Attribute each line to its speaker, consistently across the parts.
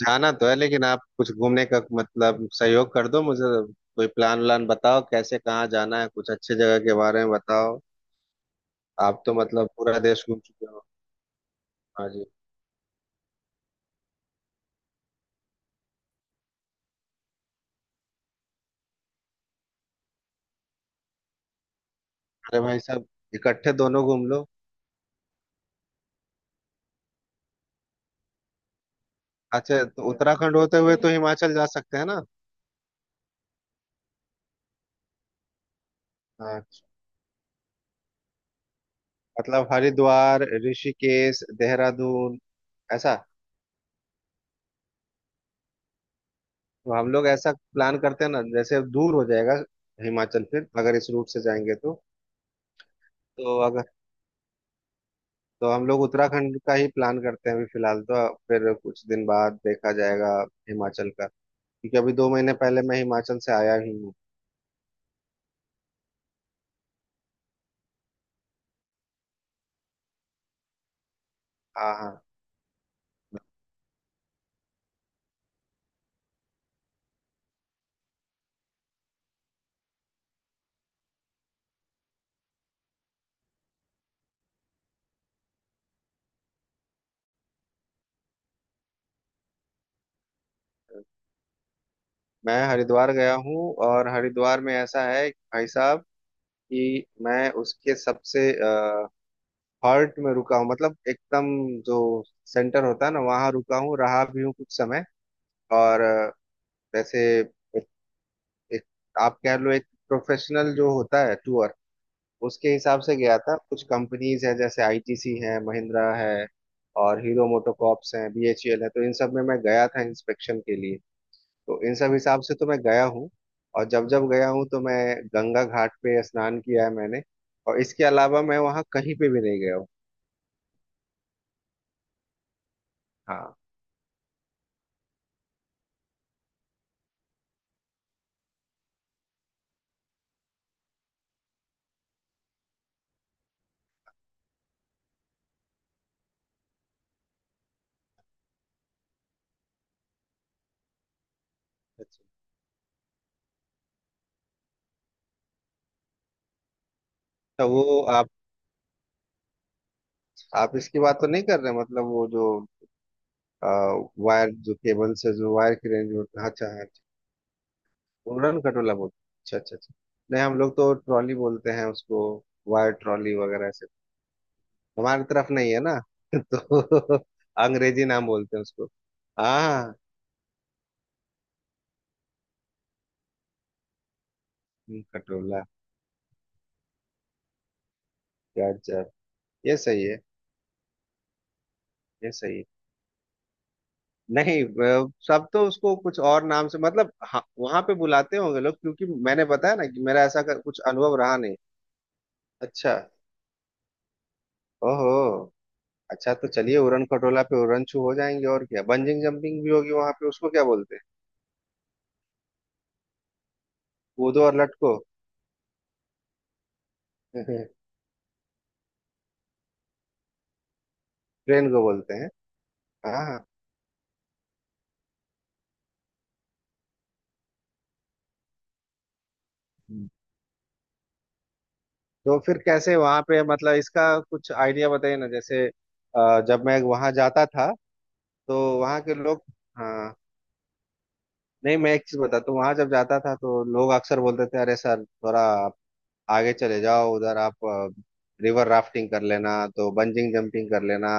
Speaker 1: जाना तो है लेकिन आप कुछ घूमने का मतलब सहयोग कर दो मुझे। कोई प्लान व्लान बताओ, कैसे कहाँ जाना है, कुछ अच्छे जगह के बारे में बताओ। आप तो मतलब पूरा देश घूम चुके हो। हाँ जी। अरे भाई साहब, इकट्ठे दोनों घूम लो। अच्छा, तो उत्तराखंड होते हुए तो हिमाचल जा सकते हैं ना? हाँ, मतलब हरिद्वार, ऋषिकेश, देहरादून ऐसा। तो हम लोग ऐसा प्लान करते हैं ना, जैसे दूर हो जाएगा हिमाचल, फिर अगर इस रूट से जाएंगे तो। तो अगर, तो हम लोग उत्तराखंड का ही प्लान करते हैं अभी फिलहाल, तो फिर कुछ दिन बाद देखा जाएगा हिमाचल का, क्योंकि अभी 2 महीने पहले मैं हिमाचल से आया ही हूँ। हाँ हाँ। मैं हरिद्वार गया हूँ, और हरिद्वार में ऐसा है कि भाई साहब, कि मैं उसके सबसे हार्ट में रुका हूँ, मतलब एकदम जो सेंटर होता है ना, वहां रुका हूँ, रहा भी हूँ कुछ समय। और जैसे एक, एक, आप कह लो एक प्रोफेशनल जो होता है टूर, उसके हिसाब से गया था। कुछ कंपनीज है जैसे आईटीसी है, महिंद्रा है और हीरो मोटोकॉर्प्स है, बीएचईएल है, तो इन सब में मैं गया था इंस्पेक्शन के लिए। तो इन सब हिसाब से तो मैं गया हूँ, और जब जब गया हूँ तो मैं गंगा घाट पे स्नान किया है मैंने, और इसके अलावा मैं वहाँ कहीं पे भी नहीं गया हूँ। हाँ। अच्छा तो वो, आप इसकी बात तो नहीं कर रहे, मतलब वो जो वायर, जो केबल से जो वायर की रेंज होता है, अच्छा। उड़न खटोला बोलते हैं। अच्छा अच्छा अच्छा। नहीं, हम लोग तो ट्रॉली बोलते हैं उसको, वायर ट्रॉली वगैरह ऐसे, हमारे तरफ नहीं है ना। तो अंग्रेजी नाम बोलते हैं उसको। हाँ। खटोला। गजब। ये सही है। ये सही है। नहीं सब तो उसको कुछ और नाम से, मतलब हाँ, वहां पे बुलाते होंगे लोग, क्योंकि मैंने बताया ना कि मेरा ऐसा कुछ अनुभव रहा नहीं। अच्छा। ओहो। अच्छा तो चलिए उड़न खटोला पे उड़न छू हो जाएंगे, और क्या बंजिंग जंपिंग भी होगी वहां पे, उसको क्या बोलते हैं? कूदो और लटको। हम्म। ट्रेन को बोलते हैं। हाँ। हम्म। तो फिर कैसे वहां पे मतलब इसका कुछ आइडिया बताइए ना। जैसे जब मैं वहां जाता था, तो वहां के लोग। हाँ। नहीं मैं एक चीज बताता हूँ, वहां जब जाता था तो लोग अक्सर बोलते थे, अरे सर थोड़ा आप आगे चले जाओ, उधर आप रिवर राफ्टिंग कर लेना, तो बंजिंग जंपिंग कर लेना,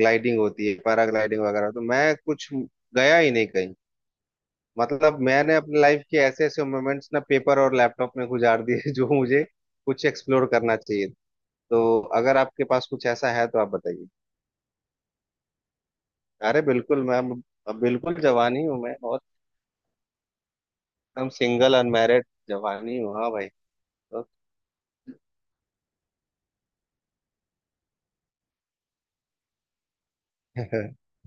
Speaker 1: ग्लाइडिंग होती है, पैराग्लाइडिंग वगैरह, तो मैं कुछ गया ही नहीं कहीं। मतलब मैंने अपनी लाइफ के ऐसे ऐसे मोमेंट्स ना पेपर और लैपटॉप में गुजार दिए जो मुझे कुछ एक्सप्लोर करना चाहिए। तो अगर आपके पास कुछ ऐसा है तो आप बताइए। अरे बिल्कुल, मैं अब बिल्कुल जवान ही हूँ मैं, और एकदम सिंगल अनमैरिड, जवान ही हूँ हाँ भाई। तो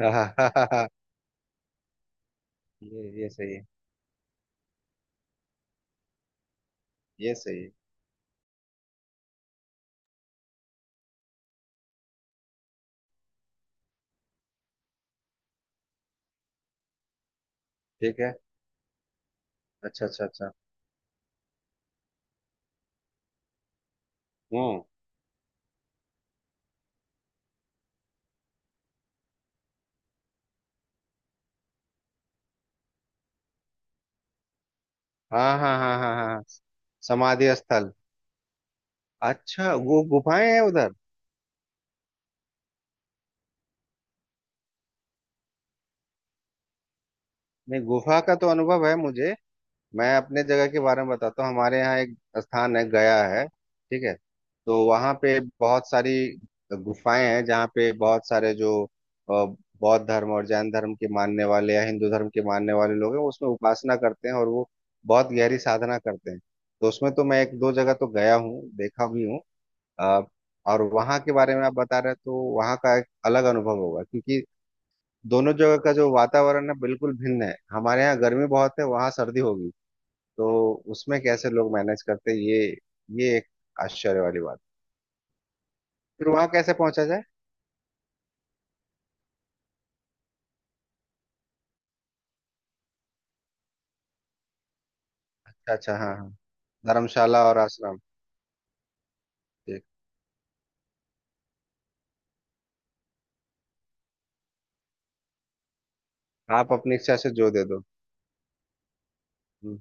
Speaker 1: हाँ, ये सही है। ये सही है। ठीक है। अच्छा अच्छा अच्छा। हम्म। हाँ हाँ हाँ हाँ हाँ हाँ। समाधि स्थल। अच्छा वो गुफाएं हैं उधर? नहीं, गुफा का तो अनुभव है मुझे। मैं अपने जगह के बारे में बताता हूँ, हमारे यहाँ एक स्थान है गया है, ठीक है। तो वहाँ पे बहुत सारी गुफाएं हैं, जहाँ पे बहुत सारे जो अ, बौद्ध धर्म और जैन धर्म के मानने वाले या हिंदू धर्म के मानने वाले लोग हैं, वो उसमें उपासना करते हैं, और वो बहुत गहरी साधना करते हैं। तो उसमें तो मैं 1 2 जगह तो गया हूँ, देखा भी हूँ। अ, और वहाँ के बारे में आप बता रहे हैं तो वहाँ का एक अलग अनुभव होगा, क्योंकि दोनों जगह का जो वातावरण है बिल्कुल भिन्न है, हमारे यहाँ गर्मी बहुत है, वहाँ सर्दी होगी, तो उसमें कैसे लोग मैनेज करते हैं, ये एक आश्चर्य वाली बात। फिर वहां कैसे पहुंचा जाए? अच्छा अच्छा हाँ हाँ। धर्मशाला और आश्रम। ठीक। आप अपनी इच्छा से जो दे दो। हम्म।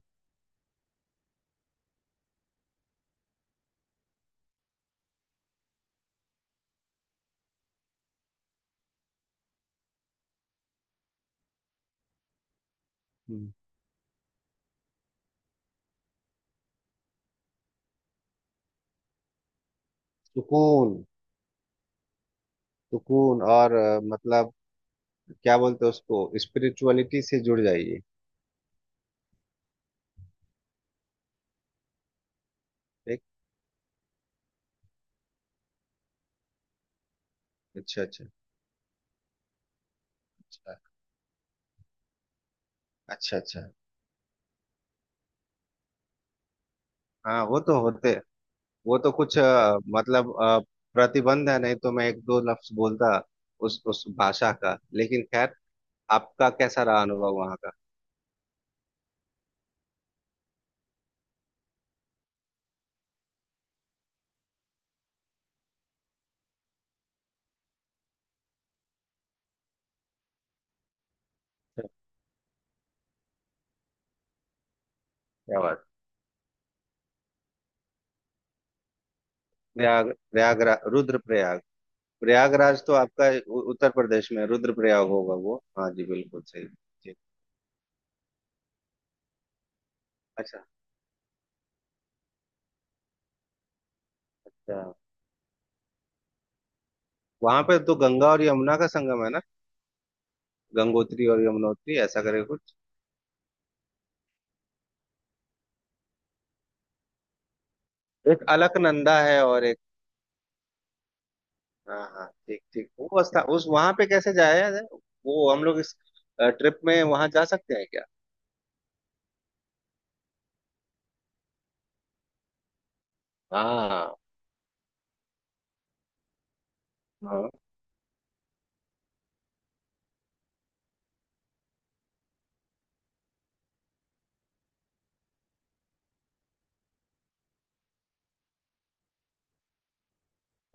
Speaker 1: हम्म। सुकून। सुकून और मतलब क्या बोलते हैं उसको, स्पिरिचुअलिटी से जुड़ जाइए। ठीक। अच्छा अच्छा। अच्छा अच्छा अच्छा। हाँ वो तो होते। वो तो कुछ मतलब प्रतिबंध है नहीं तो मैं 1 2 लफ्ज बोलता उस भाषा का, लेकिन खैर। आपका कैसा रहा अनुभव वहाँ का? क्या बात। प्रयाग, प्रयागराज, रुद्रप्रयाग। प्रयागराज तो आपका उत्तर प्रदेश में है, रुद्रप्रयाग होगा वो, हाँ जी बिल्कुल सही जी। अच्छा अच्छा। वहां पे तो गंगा और यमुना का संगम है ना? गंगोत्री और यमुनोत्री ऐसा करके कुछ। एक अलकनंदा है और एक। हाँ हाँ, ठीक ठीक, वो रास्ता उस वहां पे कैसे जाया जाए, वो हम लोग इस ट्रिप में वहां जा सकते हैं क्या? हाँ हाँ।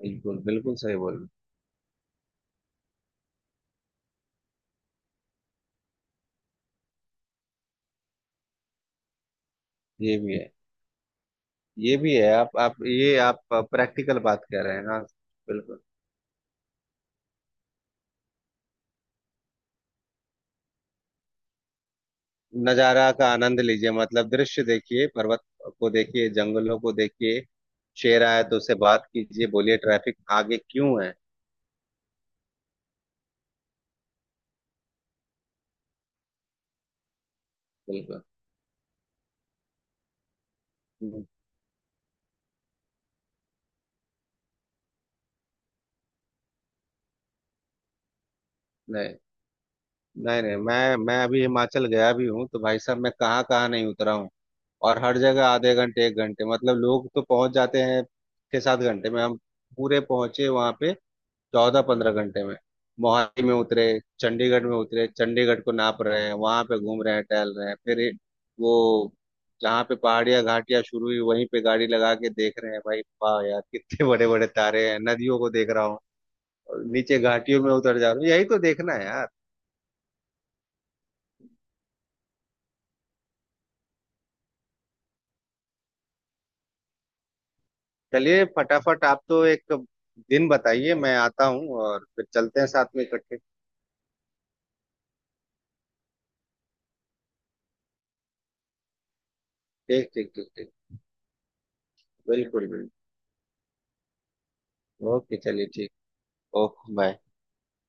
Speaker 1: बिल्कुल बिल्कुल सही बोल रहे हो। ये भी है। ये भी है, आप ये आप प्रैक्टिकल बात कह रहे हैं, हाँ। बिल्कुल। नजारा का आनंद लीजिए, मतलब दृश्य देखिए, पर्वत को देखिए, जंगलों को देखिए, शेर आए तो उससे बात कीजिए, बोलिए ट्रैफिक आगे क्यों है। बिल्कुल। नहीं, नहीं नहीं, मैं अभी हिमाचल गया भी हूँ तो भाई साहब, मैं कहाँ कहाँ नहीं उतरा हूँ। और हर जगह आधे घंटे 1 घंटे, मतलब लोग तो पहुंच जाते हैं 6 7 घंटे में, हम पूरे पहुंचे वहां पे 14 15 घंटे में। मोहाली में उतरे, चंडीगढ़ में उतरे, चंडीगढ़ को नाप रहे हैं, वहां पे घूम रहे हैं, टहल रहे हैं, फिर वो जहाँ पे पहाड़ियाँ घाटियाँ शुरू हुई, वहीं पे गाड़ी लगा के देख रहे हैं, भाई वाह यार कितने बड़े बड़े तारे हैं, नदियों को देख रहा हूँ, और नीचे घाटियों में उतर जा रहा हूँ, यही तो देखना है यार। चलिए फटाफट आप तो एक दिन बताइए, मैं आता हूँ और फिर चलते हैं साथ में इकट्ठे। ठीक ठीक ठीक ठीक। बिल्कुल बिल्कुल। ओके चलिए ठीक। Okay bye.